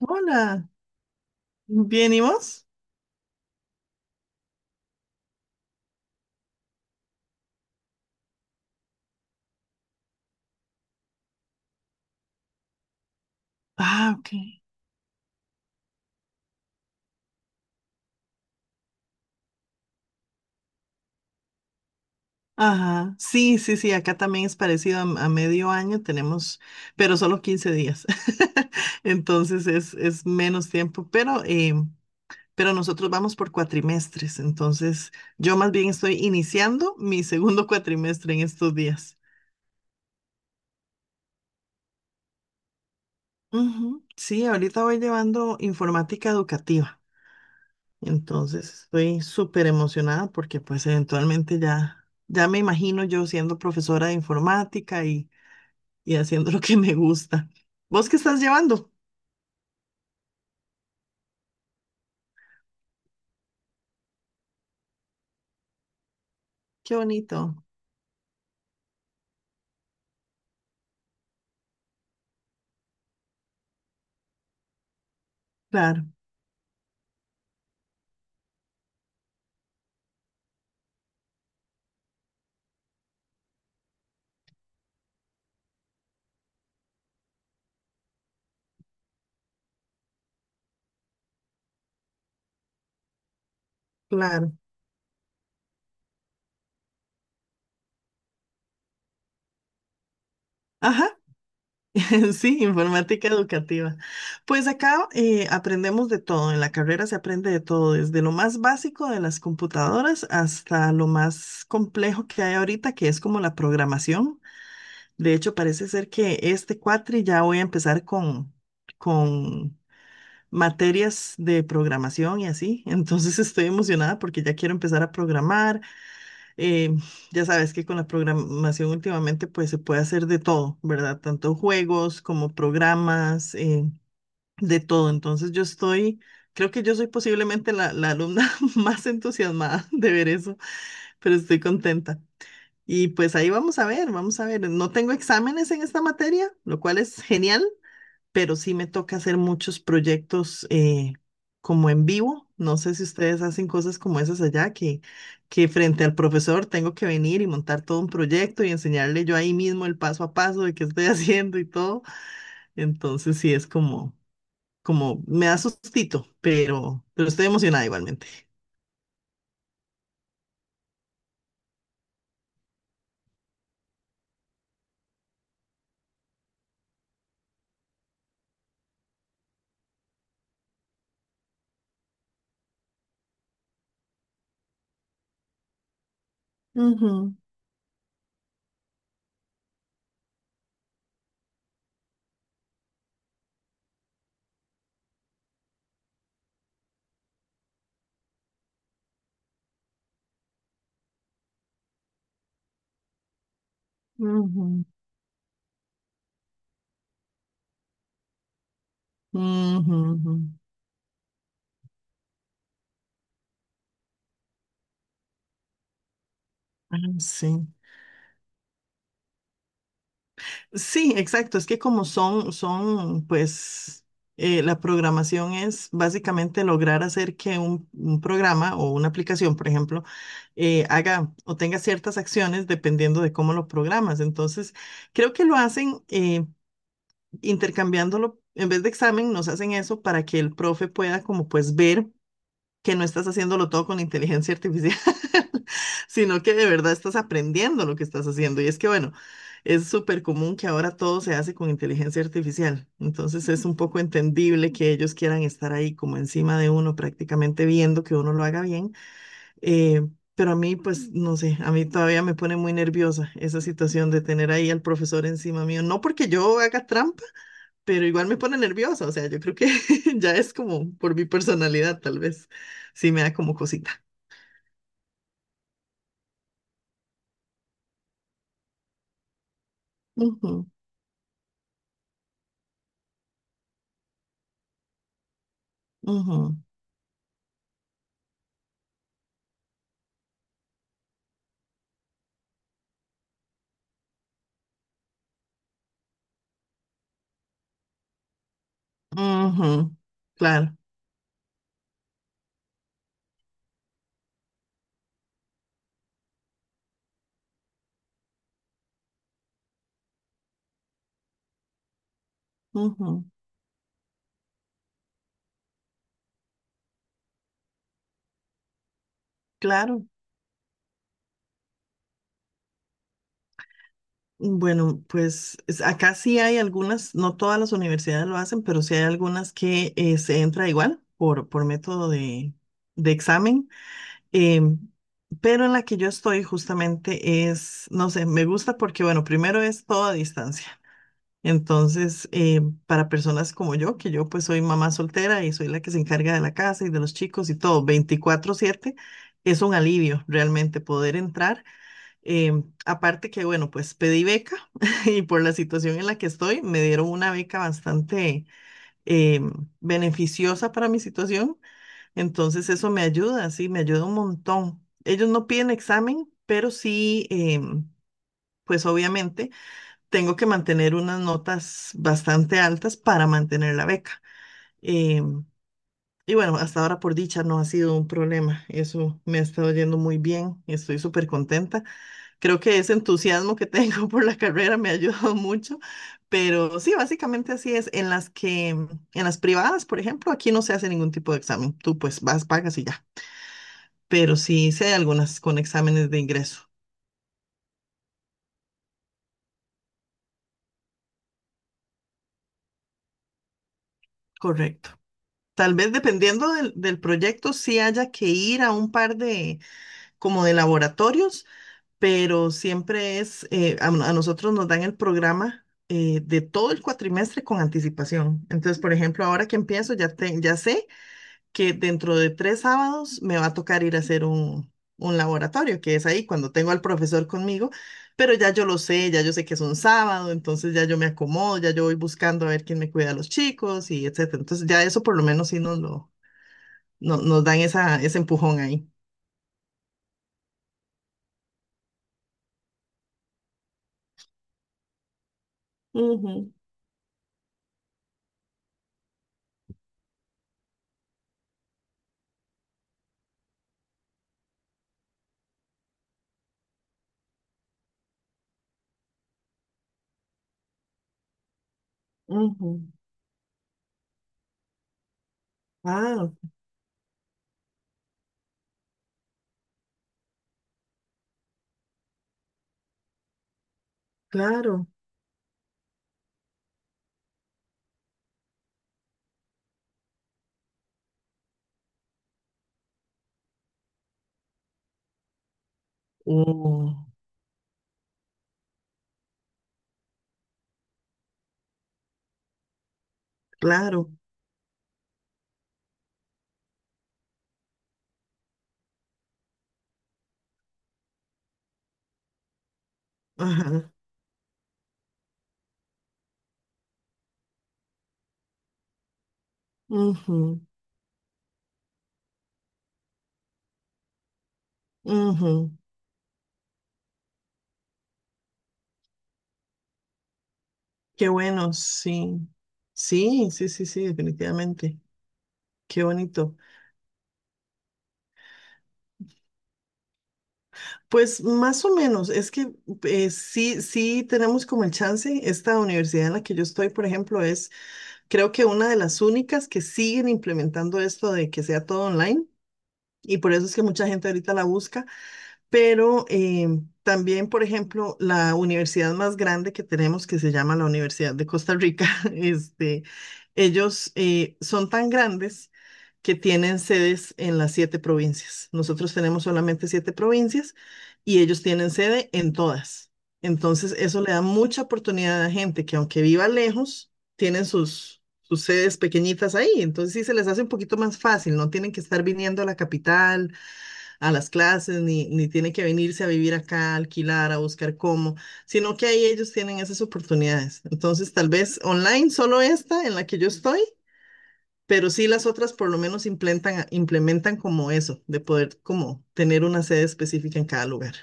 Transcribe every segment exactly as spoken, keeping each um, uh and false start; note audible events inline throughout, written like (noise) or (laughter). Hola, ¿bien y vos? Ah, ok. Ajá, sí, sí, sí, acá también es parecido a, a medio año, tenemos, pero solo quince días. (laughs) Entonces es, es menos tiempo, pero, eh, pero nosotros vamos por cuatrimestres, entonces yo más bien estoy iniciando mi segundo (laughs) cuatrimestre en estos días. Ujú, sí, ahorita voy llevando informática educativa. Entonces estoy súper emocionada porque pues eventualmente ya, ya me imagino yo siendo profesora de informática y, y haciendo (laughs) lo que me gusta. ¿Vos qué estás llevando? Qué bonito. Claro, claro. Ajá, (laughs) sí, informática educativa. Pues acá eh, aprendemos de todo, en la carrera se aprende de todo, desde lo más básico de las computadoras hasta lo más complejo que hay ahorita, que es como la programación. De hecho, parece ser que este cuatri ya voy a empezar con, con materias de programación y así. (laughs) Entonces estoy emocionada porque ya quiero empezar a programar. Eh, ya sabes que con la programación últimamente pues se puede hacer de todo, ¿verdad? Tanto juegos como programas, eh, de todo. Entonces yo estoy, creo que yo soy posiblemente la, la alumna (laughs) más entusiasmada de ver eso, pero estoy contenta. Y pues ahí vamos a ver, vamos a ver. No tengo exámenes en esta materia, lo cual es genial, pero sí me toca hacer muchos proyectos eh, como en vivo. No sé si ustedes hacen cosas como esas allá, que, que frente al profesor tengo que venir y montar todo un proyecto y enseñarle yo ahí mismo el paso a paso de qué estoy (laughs) haciendo y todo. Entonces sí es como, como me da sustito, pero, pero estoy emocionada igualmente. Ujú, ujú, ujú, ujú. Ah, sí. Sí, exacto. Es que como son, son, pues, eh, la programación es básicamente lograr hacer que un, un programa o una aplicación, por ejemplo, eh, haga o tenga ciertas acciones dependiendo de cómo lo programas. Entonces, creo que lo hacen eh, intercambiándolo, en vez de examen, nos hacen eso para que el profe pueda como pues ver que no estás haciéndolo todo con inteligencia artificial, (laughs) sino que de verdad estás aprendiendo lo que estás haciendo. Y es que, bueno, es súper común que ahora todo se hace con inteligencia artificial. Entonces es un poco entendible que ellos quieran estar ahí como encima de uno, prácticamente viendo que uno lo haga bien. eh, pero a mí, pues, no sé, a mí todavía me pone muy nerviosa esa situación de tener ahí al profesor encima mío. No porque yo haga trampa, pero igual me pone nerviosa, o sea, yo creo que (laughs) ya es como por mi personalidad, tal vez, sí me da como cosita. Ujú, ujú, ujú, claro, ujú, claro. Bueno, pues es- acá sí hay algunas, no todas las universidades lo hacen, pero sí hay algunas que eh, se entra igual por, por método de, de examen. em, pero en la que yo estoy justamente es, no sé, me gusta porque, bueno, primero es todo a distancia. Entonces, eh, para personas como yo, que yo pues soy mamá soltera y soy la que se encarga de la casa y de los chicos y todo, veinticuatro siete es un alivio realmente poder entrar. Em, aparte que, bueno, pues pedí beca (laughs) y por la situación en la que estoy, me dieron una beca bastante em, beneficiosa para mi situación. Entonces, eso me ayuda, sí, me ayuda un montón. Ellos no piden examen, pero sí, em, pues obviamente tengo que mantener unas notas bastante altas para mantener la beca. Em, y bueno, hasta ahora por dicha no ha sido un problema. Eso me ha estado yendo muy bien. Estoy súper contenta. Creo que ese entusiasmo que tengo (laughs) por la carrera me ha ayudado mucho. Pero sí, básicamente así es. En las que, en las privadas, por ejemplo, aquí no se hace ningún tipo de examen. Tú pues vas, pagas y ya. Pero sí, sí hay algunas con exámenes de ingreso. Correcto. Tal vez dependiendo del, del proyecto, sí haya que ir a un par de, como de laboratorios, pero siempre es, eh, a, a nosotros nos dan el programa eh, de todo el cuatrimestre con anticipación. Entonces, por ejemplo, ahora que empiezo, ya, te- ya sé que dentro de tres sábados me va a tocar ir a hacer un, un laboratorio, que es ahí cuando tengo al profesor conmigo, pero ya yo lo sé, ya yo sé que es un sábado, entonces ya yo me acomodo, ya yo voy buscando a ver quién me cuida a los chicos y etcétera. Entonces, ya eso por lo menos sí nos lo, no- nos dan esa, ese empujón ahí. Ujú, ujú. Ah, claro, oh, claro, ajá, ujú, ujú. Qué bueno, sí, sí, sí, sí, sí, definitivamente, qué bonito. Pues más o menos, es que eh, sí, sí tenemos como el chance, esta universidad en la que yo estoy, por ejemplo, es creo que una de las únicas que siguen implementando esto de que sea todo online y por eso es que mucha gente ahorita la busca. Pero eh, también, por ejemplo, la universidad más grande que tenemos, que se llama la Universidad de Costa Rica, (laughs) este, ellos eh, son tan grandes que tienen sedes en las siete provincias. Nosotros tenemos solamente siete provincias y ellos tienen sede en todas. Entonces, eso le da mucha oportunidad a la gente que aunque viva lejos, tienen sus, sus sedes pequeñitas ahí. Entonces, sí se les hace un poquito más fácil, no tienen que estar viniendo a la capital a las clases, ni, ni tiene que venirse a vivir acá, a alquilar, a buscar cómo, sino que ahí ellos tienen esas oportunidades. Entonces, tal vez online solo esta en la que yo estoy, pero sí las otras por lo menos implementan, implementan como eso, de poder como tener una sede específica en cada lugar.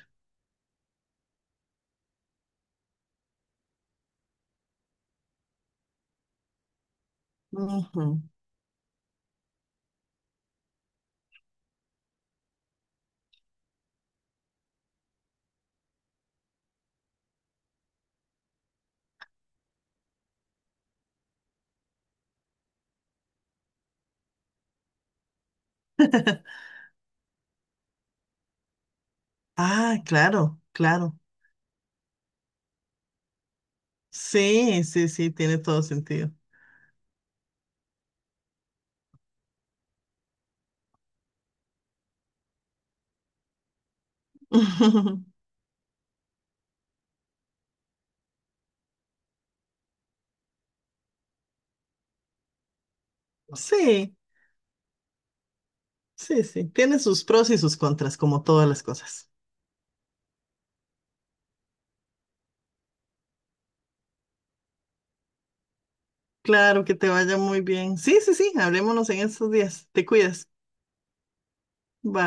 Ujú. Ah, claro, claro. Sí, sí, sí, tiene todo sentido. (laughs) Sí, sí, sí, tiene sus pros y sus contras, como todas las cosas. Claro, que te vaya muy bien. Sí, sí, sí, hablémonos en estos días. Te cuidas. Bye.